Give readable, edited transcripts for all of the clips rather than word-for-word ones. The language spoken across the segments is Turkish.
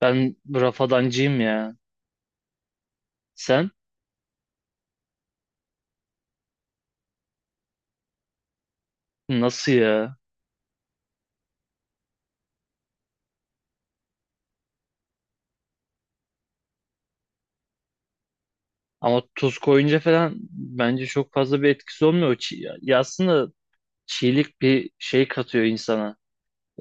Ben rafadancıyım ya. Sen? Nasıl ya? Ama tuz koyunca falan bence çok fazla bir etkisi olmuyor. Ya aslında çiğlik bir şey katıyor insana.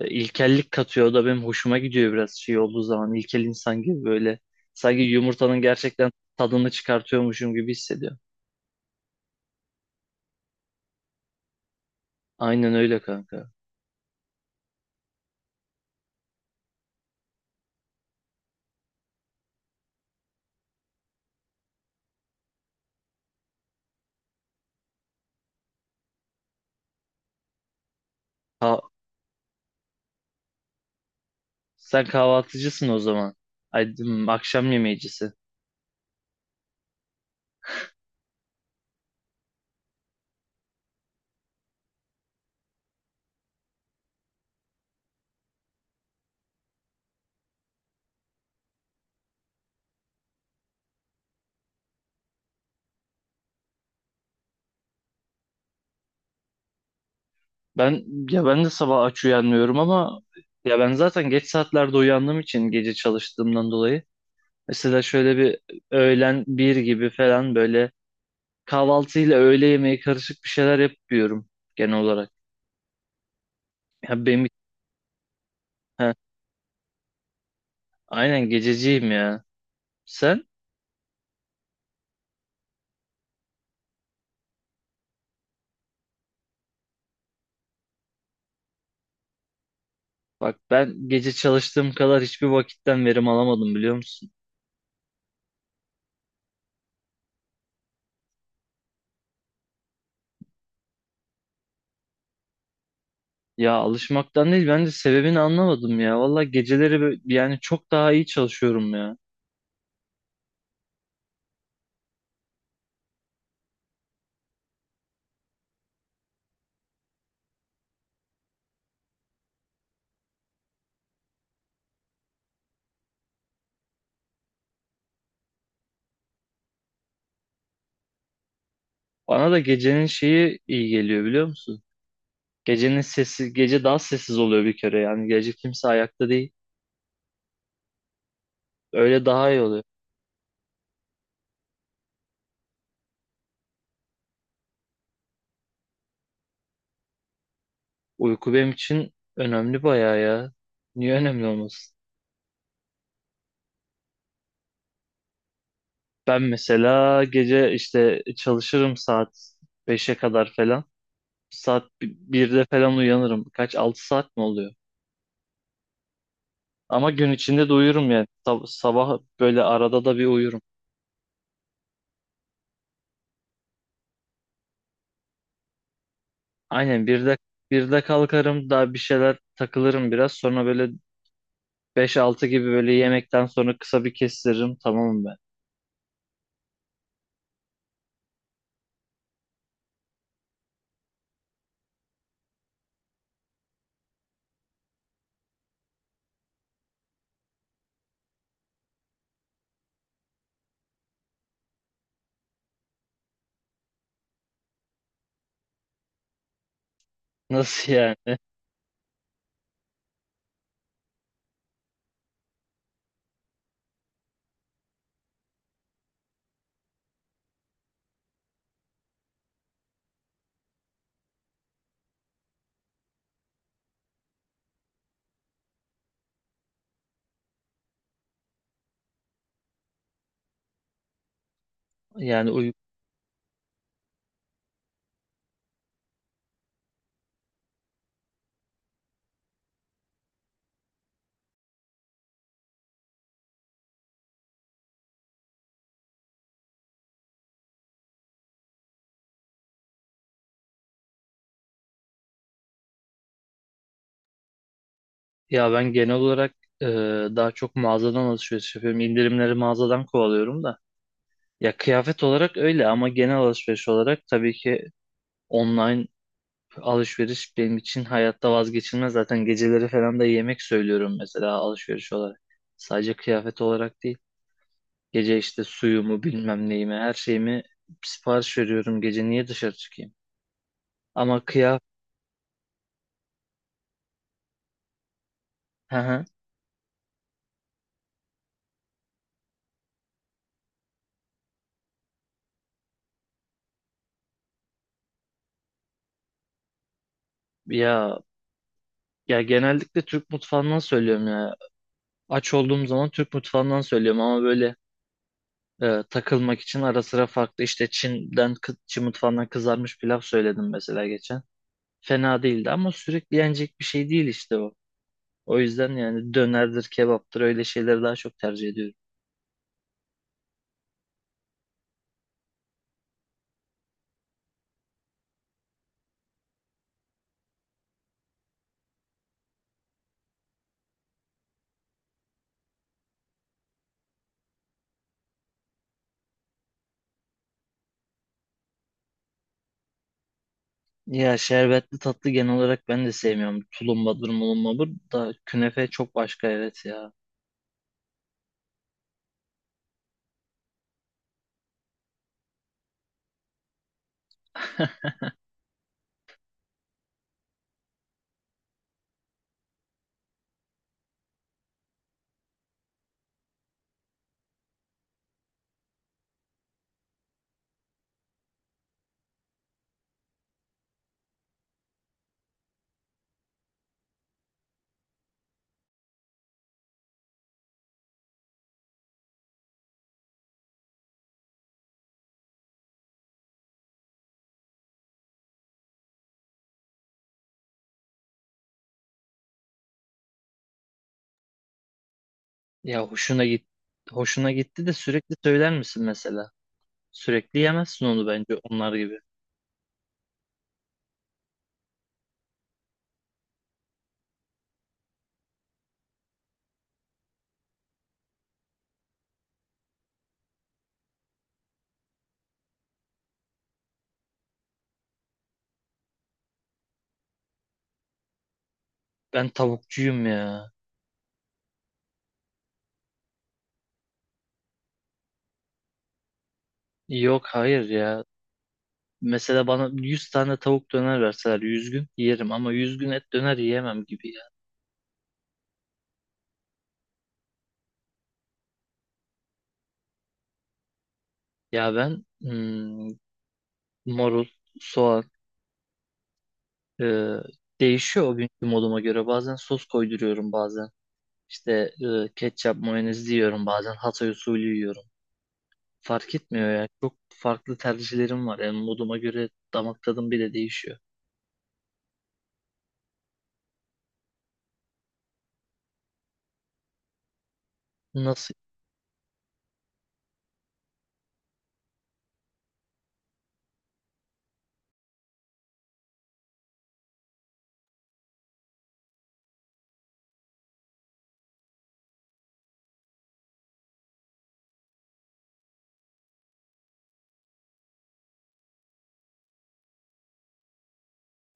İlkellik katıyor. O da benim hoşuma gidiyor biraz şey olduğu zaman. İlkel insan gibi böyle. Sanki yumurtanın gerçekten tadını çıkartıyormuşum gibi hissediyorum. Aynen öyle kanka. Ha, sen kahvaltıcısın o zaman. Ay, akşam yemeğicisi. Ben ya ben de sabah aç uyanmıyorum, ama ya ben zaten geç saatlerde uyandığım için, gece çalıştığımdan dolayı, mesela şöyle bir öğlen bir gibi falan, böyle kahvaltıyla öğle yemeği karışık bir şeyler yapıyorum genel olarak. Ya benim ha, aynen gececiyim ya. Sen? Bak, ben gece çalıştığım kadar hiçbir vakitten verim alamadım, biliyor musun? Ya alışmaktan değil, ben de sebebini anlamadım ya. Valla geceleri yani çok daha iyi çalışıyorum ya. Bana da gecenin şeyi iyi geliyor, biliyor musun? Gecenin sessiz, gece daha sessiz oluyor bir kere, yani gece kimse ayakta değil. Öyle daha iyi oluyor. Uyku benim için önemli bayağı ya. Niye önemli olmasın? Ben mesela gece işte çalışırım, saat beşe kadar falan. Saat birde falan uyanırım. Kaç, 6 saat mi oluyor? Ama gün içinde de uyurum yani. Sabah böyle arada da bir uyurum. Aynen, birde kalkarım, daha bir şeyler takılırım biraz. Sonra böyle beş altı gibi, böyle yemekten sonra kısa bir kestiririm. Tamam mı? Nasıl yani? Yani uy Ya ben genel olarak e, daha çok mağazadan alışveriş yapıyorum. İndirimleri mağazadan kovalıyorum da. Ya kıyafet olarak öyle, ama genel alışveriş olarak tabii ki online alışveriş benim için hayatta vazgeçilmez. Zaten geceleri falan da yemek söylüyorum mesela, alışveriş olarak. Sadece kıyafet olarak değil. Gece işte suyumu, bilmem neyimi, her şeyimi sipariş veriyorum. Gece niye dışarı çıkayım? Ama kıyafet... Ya, ya genellikle Türk mutfağından söylüyorum ya. Aç olduğum zaman Türk mutfağından söylüyorum, ama böyle takılmak için ara sıra farklı, işte Çin'den Çin mutfağından kızarmış pilav söyledim mesela geçen. Fena değildi, ama sürekli yenecek bir şey değil işte o. O yüzden yani dönerdir, kebaptır, öyle şeyleri daha çok tercih ediyorum. Ya şerbetli tatlı genel olarak ben de sevmiyorum. Tulumbadır, mulumbadır, da künefe çok başka, evet ya. Ya hoşuna gitti de sürekli söyler misin mesela? Sürekli yemezsin onu bence, onlar gibi. Ben tavukçuyum ya. Yok, hayır ya. Mesela bana 100 tane tavuk döner verseler, 100 gün yerim, ama 100 gün et döner yiyemem gibi ya. Ya ben marul, soğan, e, değişiyor o günkü moduma göre. Bazen sos koyduruyorum, bazen. İşte ketçap, mayonez yiyorum bazen. Hatay usulü yiyorum. Fark etmiyor ya. Çok farklı tercihlerim var. Yani moduma göre damak tadım bile değişiyor. Nasıl?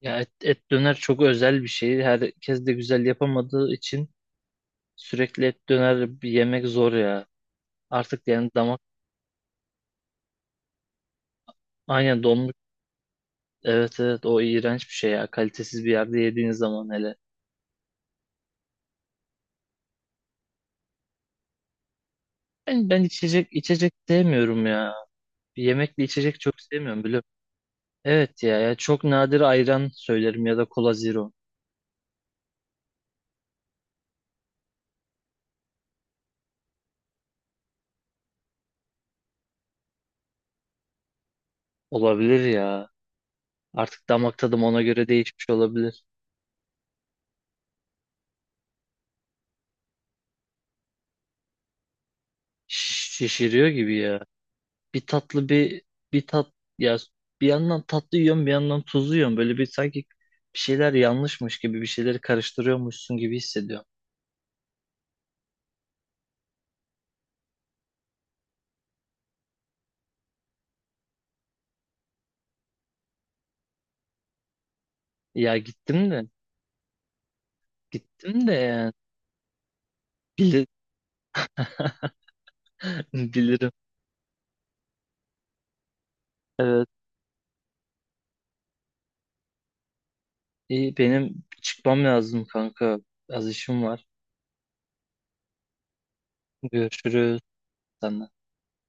Ya et döner çok özel bir şey. Herkes de güzel yapamadığı için sürekli et döner bir yemek zor ya. Artık yani damak aynen donmuş. Evet, evet, o iğrenç bir şey ya. Kalitesiz bir yerde yediğiniz zaman hele. Ben içecek sevmiyorum ya. Yemekli içecek çok sevmiyorum, biliyorum. Evet ya, ya çok nadir ayran söylerim ya da kola zero. Olabilir ya. Artık damak tadım ona göre değişmiş olabilir. Şişiriyor gibi ya. Bir tatlı bir, bir tat, ya, bir yandan tatlı yiyorum, bir yandan tuzlu yiyorum. Böyle bir, sanki bir şeyler yanlışmış gibi, bir şeyleri karıştırıyormuşsun gibi hissediyorum. Ya gittim de yani bilir bilirim. Evet, iyi, benim çıkmam lazım kanka. Az işim var. Görüşürüz. Sen de.